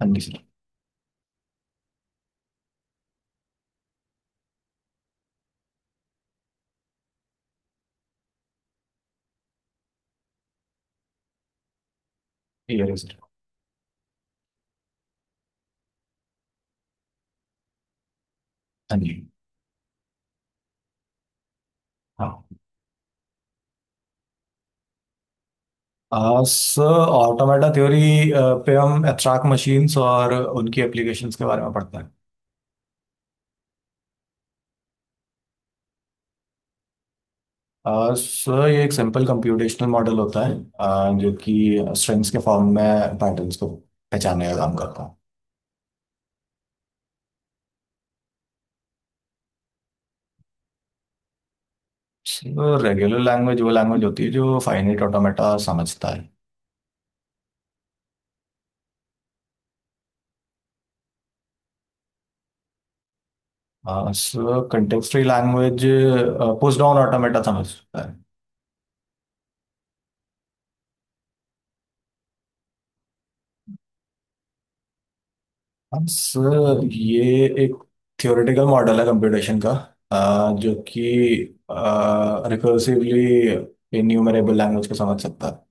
हाँ जी सर। ये सर। हाँ जी। हाँ सर। ऑटोमेटा थ्योरी पे हम एब्स्ट्रैक्ट मशीन्स और उनकी एप्लीकेशंस के बारे में पढ़ते हैं। सर ये एक सिंपल कंप्यूटेशनल मॉडल होता है, जो कि स्ट्रिंग्स के फॉर्म में पैटर्न्स को पहचानने का काम करता है। सर रेगुलर लैंग्वेज वो लैंग्वेज होती है जो फाइनाइट ऑटोमेटा समझता है। Sir context free language push down automata समझता है। अब सर ये एक थ्योरेटिकल मॉडल है कंप्यूटेशन का, जो कि रिकर्सिवली इन्यूमरेबल लैंग्वेज को समझ सकता है।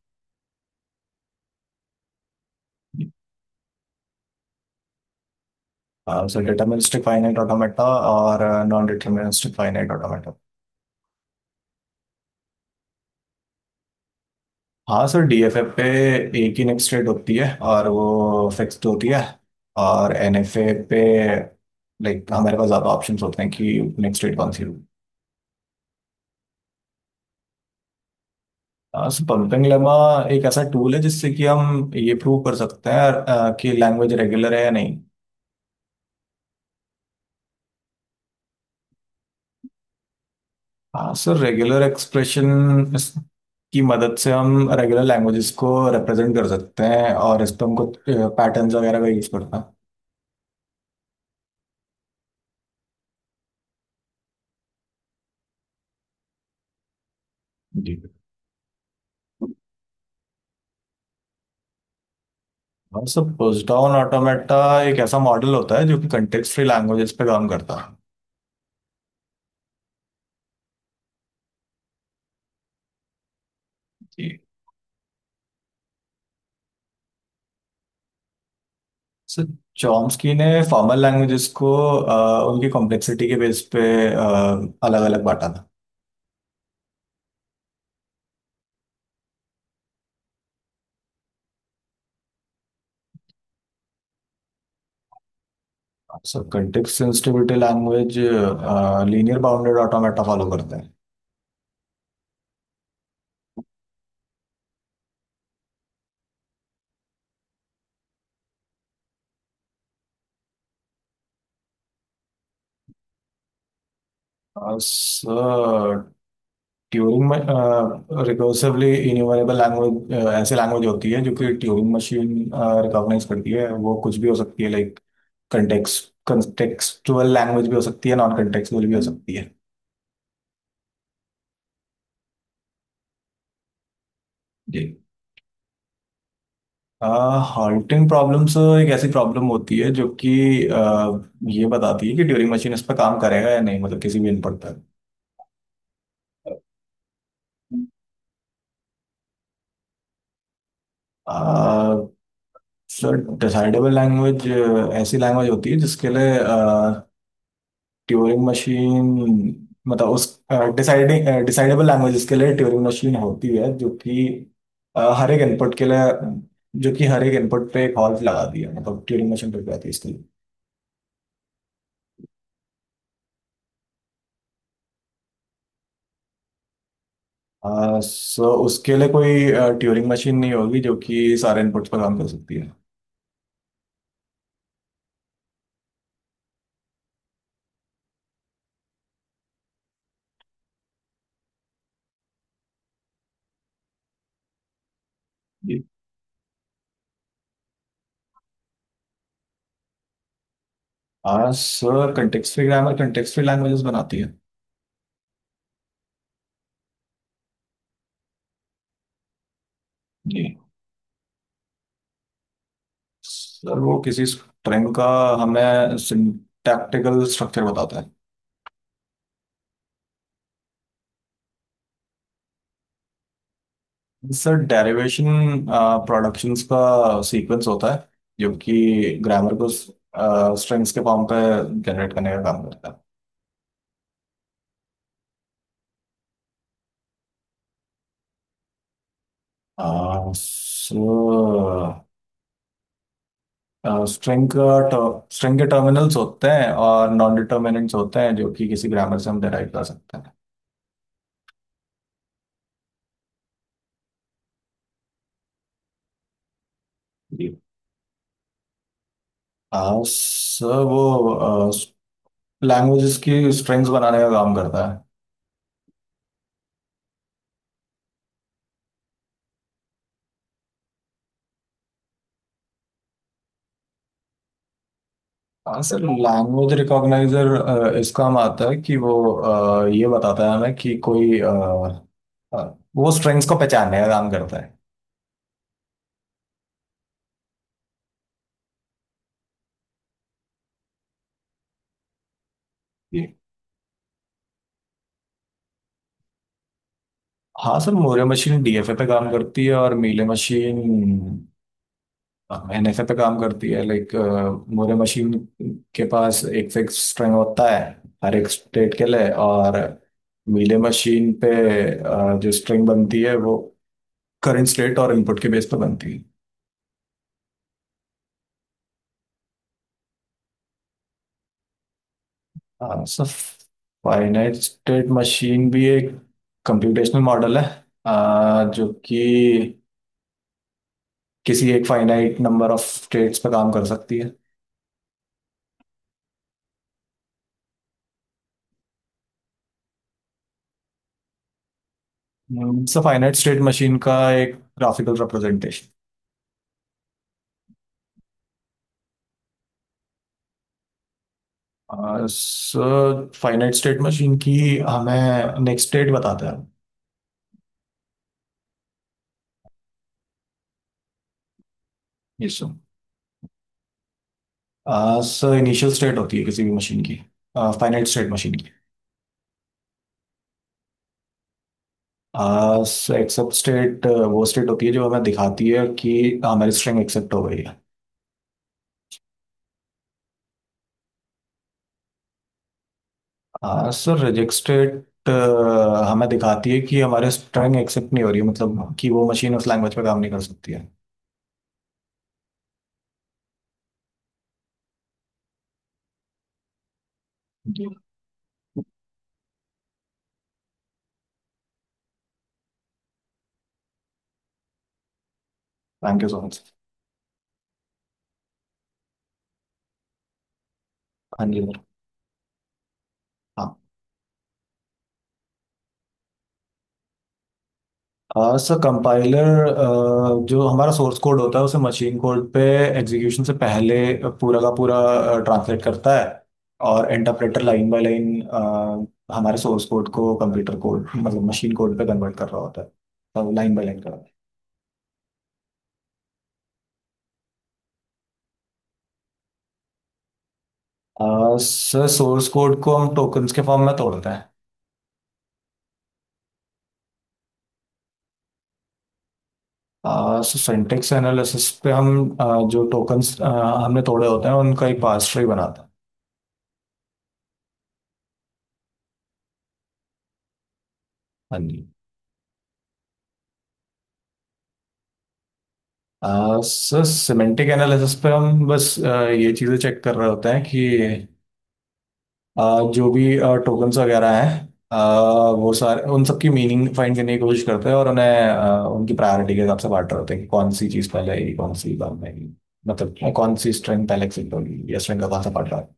सर डिटर्मिनिस्टिक फाइनाइट ऑटोमेटा और नॉन डिटर्मिनिस्टिक फाइनाइट ऑटोमेटा। हाँ सर डीएफएफ पे एक ही नेक्स्ट स्टेट होती है और वो फिक्स्ड होती है, और एनएफए पे लाइक हमारे पास ज़्यादा ऑप्शंस होते हैं कि नेक्स्ट स्टेट कौन सी होगी। पंपिंग लेमा एक ऐसा टूल है जिससे कि हम ये प्रूव कर सकते हैं कि लैंग्वेज रेगुलर है या नहीं। हाँ सर रेगुलर एक्सप्रेशन की मदद से हम रेगुलर लैंग्वेजेस को रिप्रेजेंट कर सकते हैं और इस पर हमको पैटर्न्स वगैरह का यूज करना है। जी। हाँ सर पुश डाउन ऑटोमेटा एक ऐसा मॉडल होता है जो कि कंटेक्स्ट फ्री लैंग्वेजेस पे काम करता है। जी। सर चॉम्स्की ने फॉर्मल लैंग्वेजेस को उनकी कॉम्प्लेक्सिटी के बेस पे अलग अलग बांटा था। Sir context sensitivity language linear bounded automata follow करते हैं। सर ट्यूरिंग में रिकर्सिवली इन्यूमरेबल लैंग्वेज ऐसी लैंग्वेज होती है जो कि ट्यूरिंग मशीन रिकॉग्नाइज करती है। वो कुछ भी हो सकती है, लाइक कंटेक्स्ट कंटेक्सचुअल लैंग्वेज भी हो सकती है, नॉन कंटेक्सुअल भी हो सकती है। जी। हॉन्टिंग प्रॉब्लम्स एक ऐसी प्रॉब्लम होती है जो कि अह, ये बताती है कि ड्यूरिंग मशीन इस पर काम करेगा या नहीं, मतलब किसी भी इनपुट पर। अह, सर डिसाइडेबल लैंग्वेज ऐसी लैंग्वेज होती है जिसके लिए ट्यूरिंग मशीन मतलब उस डिसाइडिंग डिसाइडेबल लैंग्वेज के लिए ट्यूरिंग मशीन होती है जो कि हर एक इनपुट के लिए जो कि हर एक इनपुट पे एक हॉल्ट लगाती है, मतलब ट्यूरिंग मशीन पे लगाती है इसके लिए। सो उसके लिए कोई ट्यूरिंग मशीन नहीं होगी जो कि सारे इनपुट्स पर काम कर सकती है। जी। Sir context free grammar context free languages बनाती है। जी। सर वो किसी स्ट्रिंग का हमें सिंटैक्टिकल स्ट्रक्चर बताता है। सर डेरिवेशन प्रोडक्शंस का सीक्वेंस होता है जो कि ग्रामर को स्ट्रिंग्स के फॉर्म पे जनरेट करने का काम करता है। सो स्ट्रिंग का स्ट्रिंग के टर्मिनल्स होते हैं और नॉन डिटर्मिनेंट्स होते हैं जो कि किसी ग्रामर से हम डिराइव कर सकते हैं। जी। आ, सर वो लैंग्वेजेस की स्ट्रिंग्स बनाने का काम करता है। हाँ सर लैंग्वेज रिकॉग्नाइजर इसका काम आता है कि वो ये बताता है हमें कि आ, वो स्ट्रिंग्स को पहचानने का काम करता है। जी। हाँ सर मोरे मशीन डीएफए पे काम करती है और मीले मशीन एनएफए पे काम करती है। लाइक मोरे मशीन के पास एक फिक्स स्ट्रिंग होता है हर एक स्टेट के लिए, और मीले मशीन पे जो स्ट्रिंग बनती है वो करंट स्टेट और इनपुट के बेस पे बनती है। सो फाइनाइट स्टेट मशीन भी एक कंप्यूटेशनल मॉडल है, जो कि किसी एक फाइनाइट नंबर ऑफ स्टेट्स पे काम कर सकती है। सो फाइनाइट स्टेट मशीन का एक graphical representation. Sir finite state machine की हमें नेक्स्ट स्टेट बताता है। Yes. Sir sir initial state होती है किसी भी मशीन की, फाइनाइट स्टेट मशीन की। सर एक्सेप्ट स्टेट वो स्टेट होती है जो हमें दिखाती है कि हमारी स्ट्रिंग एक्सेप्ट हो गई। है सर रिजेक्ट स्टेट हमें दिखाती है कि हमारे स्ट्रिंग एक्सेप्ट नहीं हो रही है, मतलब कि वो मशीन उस लैंग्वेज पे काम नहीं कर सकती है। Thank you so much. हाँ जी सर। हाँ। सर कंपाइलर जो हमारा सोर्स कोड होता है उसे मशीन कोड पे एग्जीक्यूशन से पहले पूरा का पूरा ट्रांसलेट करता है, और इंटरप्रेटर लाइन बाय लाइन हमारे सोर्स कोड को कंप्यूटर कोड मतलब मशीन कोड पे कन्वर्ट कर रहा होता है, तो लाइन बाय लाइन कर रहा है। सर सोर्स कोड को हम टोकन्स के फॉर्म में तोड़ते हैं। सो सिंटेक्स एनालिसिस पे हम अ, जो टोकन्स हमने तोड़े होते हैं उनका एक पास ट्री बनाते हैं। हाँ जी। सर सिमेंटिक एनालिसिस पे हम बस ये चीज़ें चेक कर रहे होते हैं कि आ, जो भी टोकन्स वगैरह हैं आ, वो सारे उन सबकी मीनिंग फाइंड करने की कोशिश करते हैं और उन्हें उनकी प्रायोरिटी के हिसाब से बांट रहे होते हैं कि कौन सी चीज़ पहले आएगी कौन सी बाद में आएगी। मतलब कौन सी स्ट्रिंग पहले एक्सिट होगी या स्ट्रिंग का कौन सा पार्ट रहा है।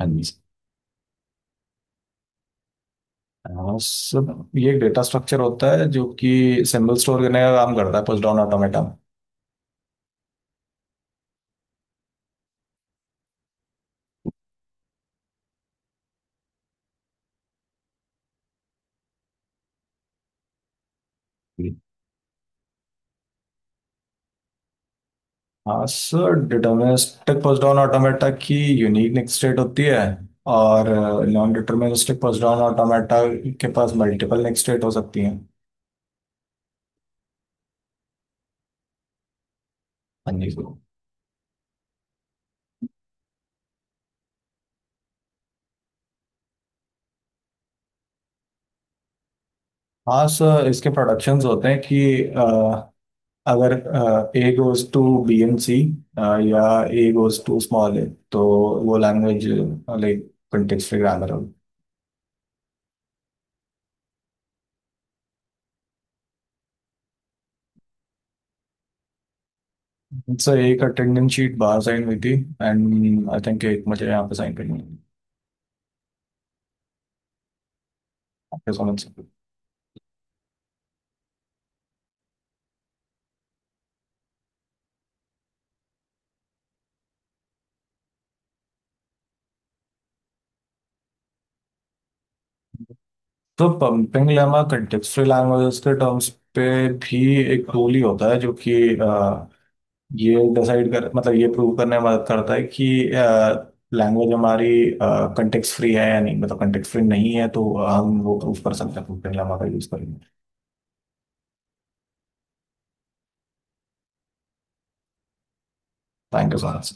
हाँ जी सर। सर ये एक डेटा स्ट्रक्चर होता है जो कि सिंबल स्टोर करने का काम करता है पुश डाउन ऑटोमेटा। हाँ sir deterministic push down automata की यूनिक नेक्स्ट स्टेट होती है, और non deterministic push down automata के पास मल्टीपल नेक्स्ट स्टेट हो सकती हैं। हाँ जी सर। हाँ सर इसके प्रोडक्शंस होते हैं कि अगर A goes to B and C, या A goes to small a, तो वो language like context free grammar होगी। सर एक अटेंडेंस शीट बाहर साइन हुई थी, एंड आई थिंक एक मुझे यहाँ पे साइन करनी है। आपके समझ सकते हो। तो पंपिंग लेमा कंटेक्चुअल लैंग्वेजेस के टर्म्स पे भी एक टूल ही होता है जो कि ये डिसाइड कर मतलब ये प्रूव करने में मदद करता है कि लैंग्वेज हमारी कंटेक्स्ट फ्री है या नहीं, मतलब कंटेक्स्ट फ्री नहीं है तो हम वो प्रूव कर सकते हैं पंपिंग लेमा का यूज करेंगे। Thank you so much.